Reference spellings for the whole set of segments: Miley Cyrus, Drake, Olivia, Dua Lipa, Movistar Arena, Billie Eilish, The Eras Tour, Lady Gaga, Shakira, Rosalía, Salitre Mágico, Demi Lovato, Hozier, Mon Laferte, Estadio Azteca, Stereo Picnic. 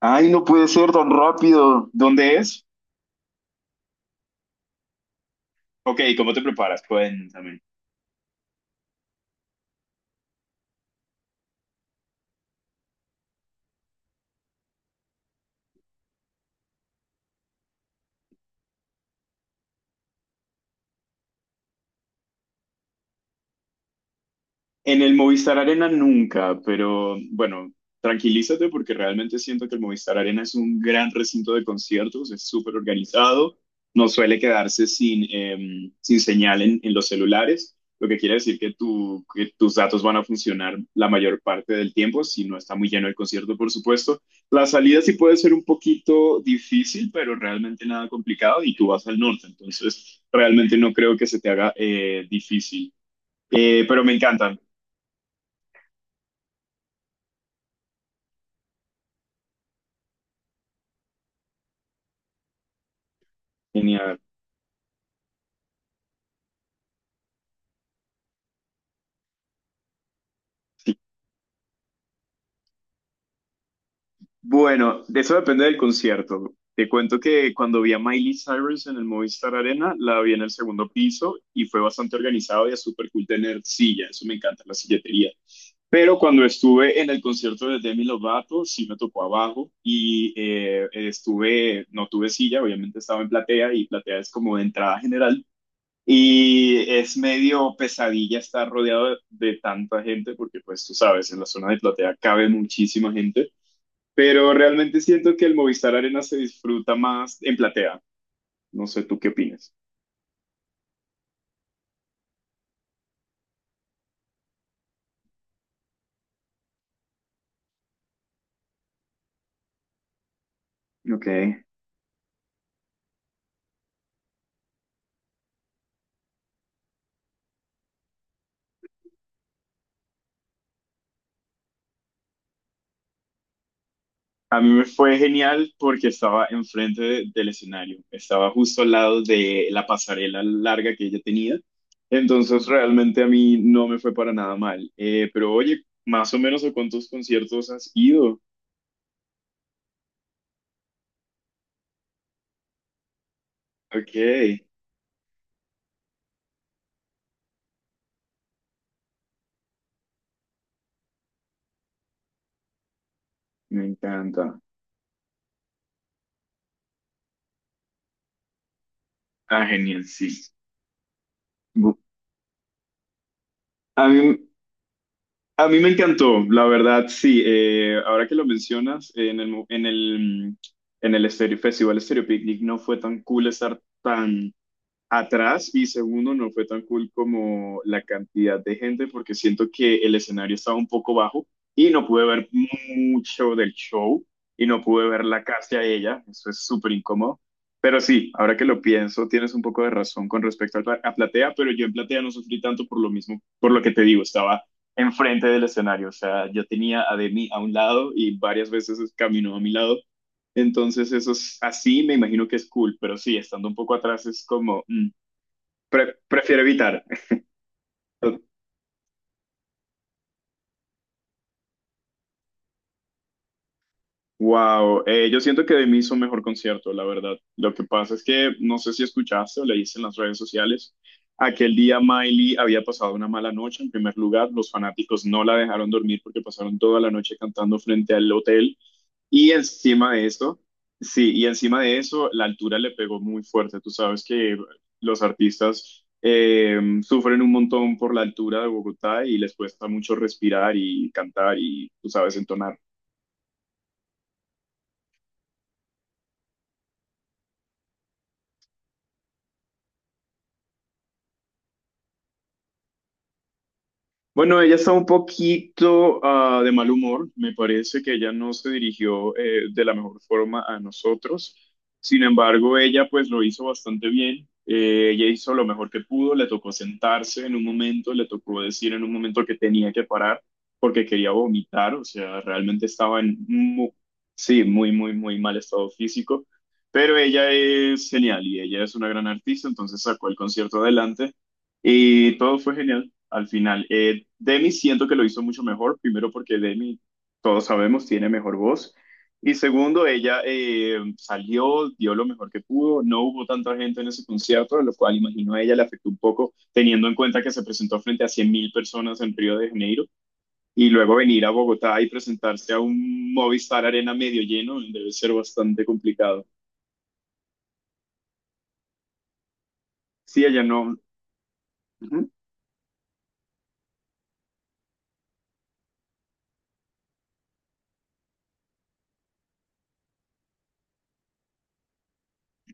Ay, no puede ser tan rápido. ¿Dónde es? Ok, ¿cómo te preparas? Cuéntame. En el Movistar Arena nunca, pero bueno, tranquilízate porque realmente siento que el Movistar Arena es un gran recinto de conciertos, es súper organizado, no suele quedarse sin señal en los celulares, lo que quiere decir que tus datos van a funcionar la mayor parte del tiempo, si no está muy lleno el concierto, por supuesto. La salida sí puede ser un poquito difícil, pero realmente nada complicado y tú vas al norte, entonces realmente no creo que se te haga difícil. Pero me encanta. Genial. Bueno, de eso depende del concierto. Te cuento que cuando vi a Miley Cyrus en el Movistar Arena, la vi en el segundo piso y fue bastante organizado y es súper cool tener silla. Eso me encanta, la silletería. Pero cuando estuve en el concierto de Demi Lovato, sí me tocó abajo y no tuve silla, obviamente estaba en platea y platea es como de entrada general. Y es medio pesadilla estar rodeado de tanta gente porque pues tú sabes, en la zona de platea cabe muchísima gente. Pero realmente siento que el Movistar Arena se disfruta más en platea. No sé, ¿tú qué opinas? Ok. A mí me fue genial porque estaba enfrente del escenario, estaba justo al lado de la pasarela larga que ella tenía, entonces realmente a mí no me fue para nada mal. Pero oye, más o menos a cuántos conciertos has ido. Ok. Me encanta. Ah, genial, sí. Bu- A mí A mí me encantó, la verdad, sí. Ahora que lo mencionas, en el, mo- en el, mm, en el Stereo Picnic no fue tan cool estar tan atrás y segundo, no fue tan cool como la cantidad de gente porque siento que el escenario estaba un poco bajo y no pude ver mucho del show y no pude ver la casi a ella, eso es súper incómodo. Pero sí, ahora que lo pienso, tienes un poco de razón con respecto a Platea, pero yo en Platea no sufrí tanto por lo mismo, por lo que te digo, estaba enfrente del escenario, o sea, yo tenía a Demi a un lado y varias veces caminó a mi lado, entonces eso es así, me imagino que es cool, pero sí, estando un poco atrás es como, prefiero evitar. Wow, yo siento que de mí hizo un mejor concierto, la verdad. Lo que pasa es que no sé si escuchaste o leíste en las redes sociales. Aquel día Miley había pasado una mala noche. En primer lugar, los fanáticos no la dejaron dormir porque pasaron toda la noche cantando frente al hotel. Y encima de eso, sí, y encima de eso, la altura le pegó muy fuerte. Tú sabes que los artistas sufren un montón por la altura de Bogotá y les cuesta mucho respirar y cantar y, tú sabes, entonar. Bueno, ella está un poquito de mal humor. Me parece que ella no se dirigió de la mejor forma a nosotros. Sin embargo, ella pues lo hizo bastante bien. Ella hizo lo mejor que pudo. Le tocó sentarse en un momento, le tocó decir en un momento que tenía que parar porque quería vomitar. O sea, realmente estaba sí, muy, muy, muy mal estado físico. Pero ella es genial y ella es una gran artista, entonces sacó el concierto adelante y todo fue genial al final. Demi siento que lo hizo mucho mejor, primero porque Demi, todos sabemos, tiene mejor voz. Y segundo, ella salió, dio lo mejor que pudo, no hubo tanta gente en ese concierto, lo cual imagino a ella le afectó un poco, teniendo en cuenta que se presentó frente a 100.000 personas en Río de Janeiro y luego venir a Bogotá y presentarse a un Movistar Arena medio lleno debe ser bastante complicado. Sí, ella no. Ujú,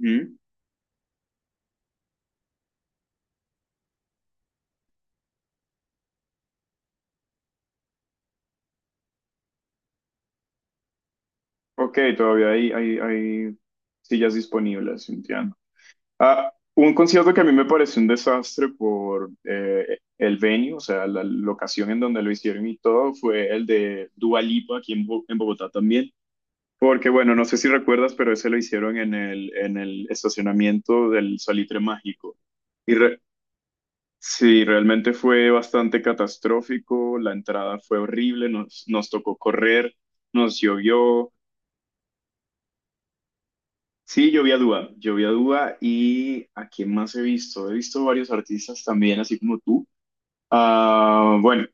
ujú. Ok, todavía hay sillas disponibles, entiendo. Ah, un concierto que a mí me pareció un desastre por el venue, o sea, la locación en donde lo hicieron y todo, fue el de Dua Lipa aquí en Bogotá también. Porque, bueno, no sé si recuerdas, pero ese lo hicieron en el estacionamiento del Salitre Mágico. Y re- sí, realmente fue bastante catastrófico, la entrada fue horrible, nos tocó correr, nos llovió. Sí, yo vi a Dua, yo vi a Dua y ¿a quién más he visto? He visto varios artistas también, así como tú. Ah, bueno,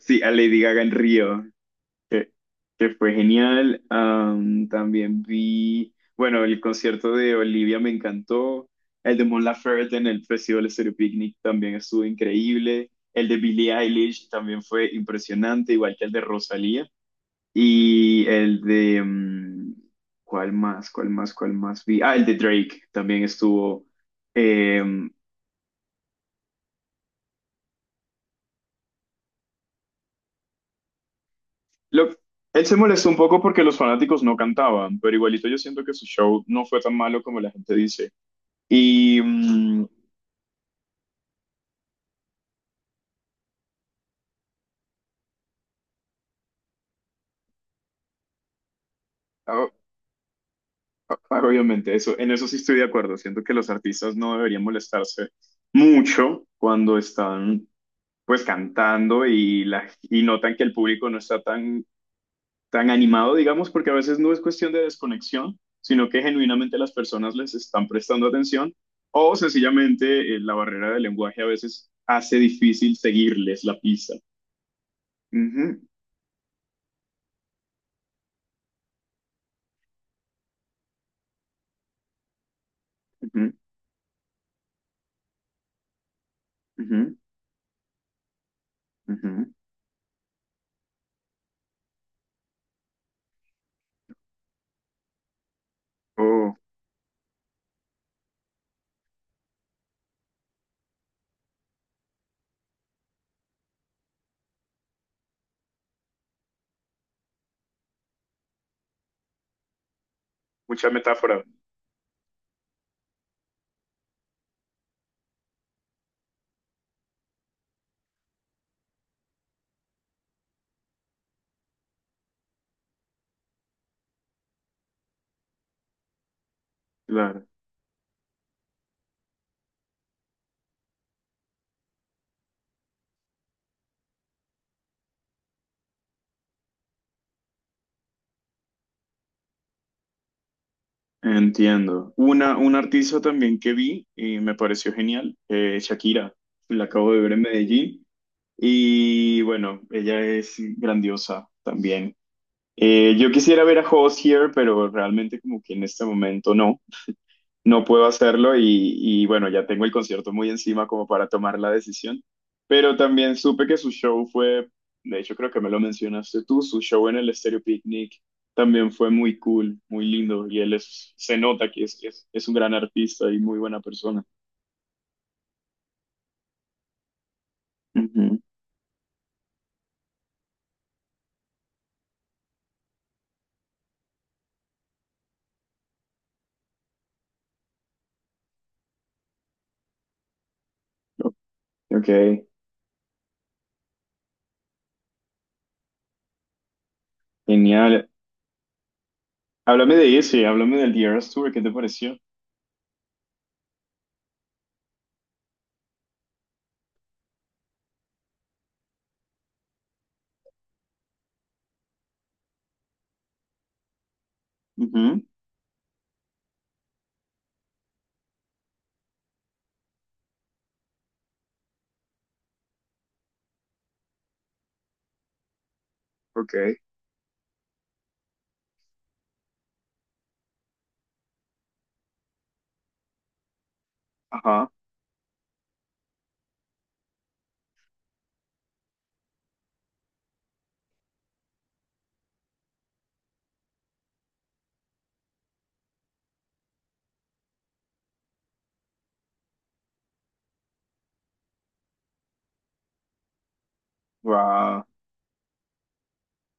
sí, a Lady Gaga en Río, que, que fue genial. Am, también vi, bueno, el concierto de Olivia me encantó. El de Mon Laferte en el Festival Estéreo Picnic también estuvo increíble. El de Billie Eilish también fue impresionante, igual que el de Rosalía. Y el de... mm, ¿Cuál más? ¿Cuál más? ¿Cuál más vi? Ah, el de Drake también estuvo. eh, lo- Él se molestó un poco porque los fanáticos no cantaban, pero igualito yo siento que su show no fue tan malo como la gente dice. Y mm, o- obviamente eso, en eso sí estoy de acuerdo. Siento que los artistas no deberían molestarse mucho cuando están pues cantando y notan que el público no está tan tan animado, digamos, porque a veces no es cuestión de desconexión, sino que genuinamente las personas les están prestando atención o sencillamente la barrera del lenguaje a veces hace difícil seguirles la pista. Ujú, ujú, ujú, ujú. Oh, mucha metáfora. Claro, entiendo. Un artista también que vi y me pareció genial, Shakira, la acabo de ver en Medellín y bueno, ella es grandiosa también. Yo quisiera ver a Hozier, pero realmente como que en este momento no puedo hacerlo y bueno, ya tengo el concierto muy encima como para tomar la decisión, pero también supe que su show fue, de hecho creo que me lo mencionaste tú, su show en el Stereo Picnic también fue muy cool, muy lindo y él se nota que es un gran artista y muy buena persona. Ujú. Ok, genial. Háblame de ese, háblame del The Eras Tour, ¿qué te pareció? Ujú, Ok, ajá.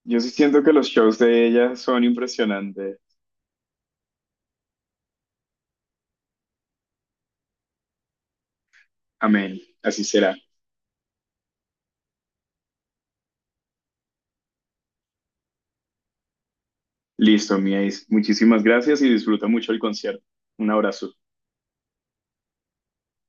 Yo sí siento que los shows de ella son impresionantes. Amén. Así será. Listo, mi ace. Muchísimas gracias y disfruta mucho el concierto. Un abrazo.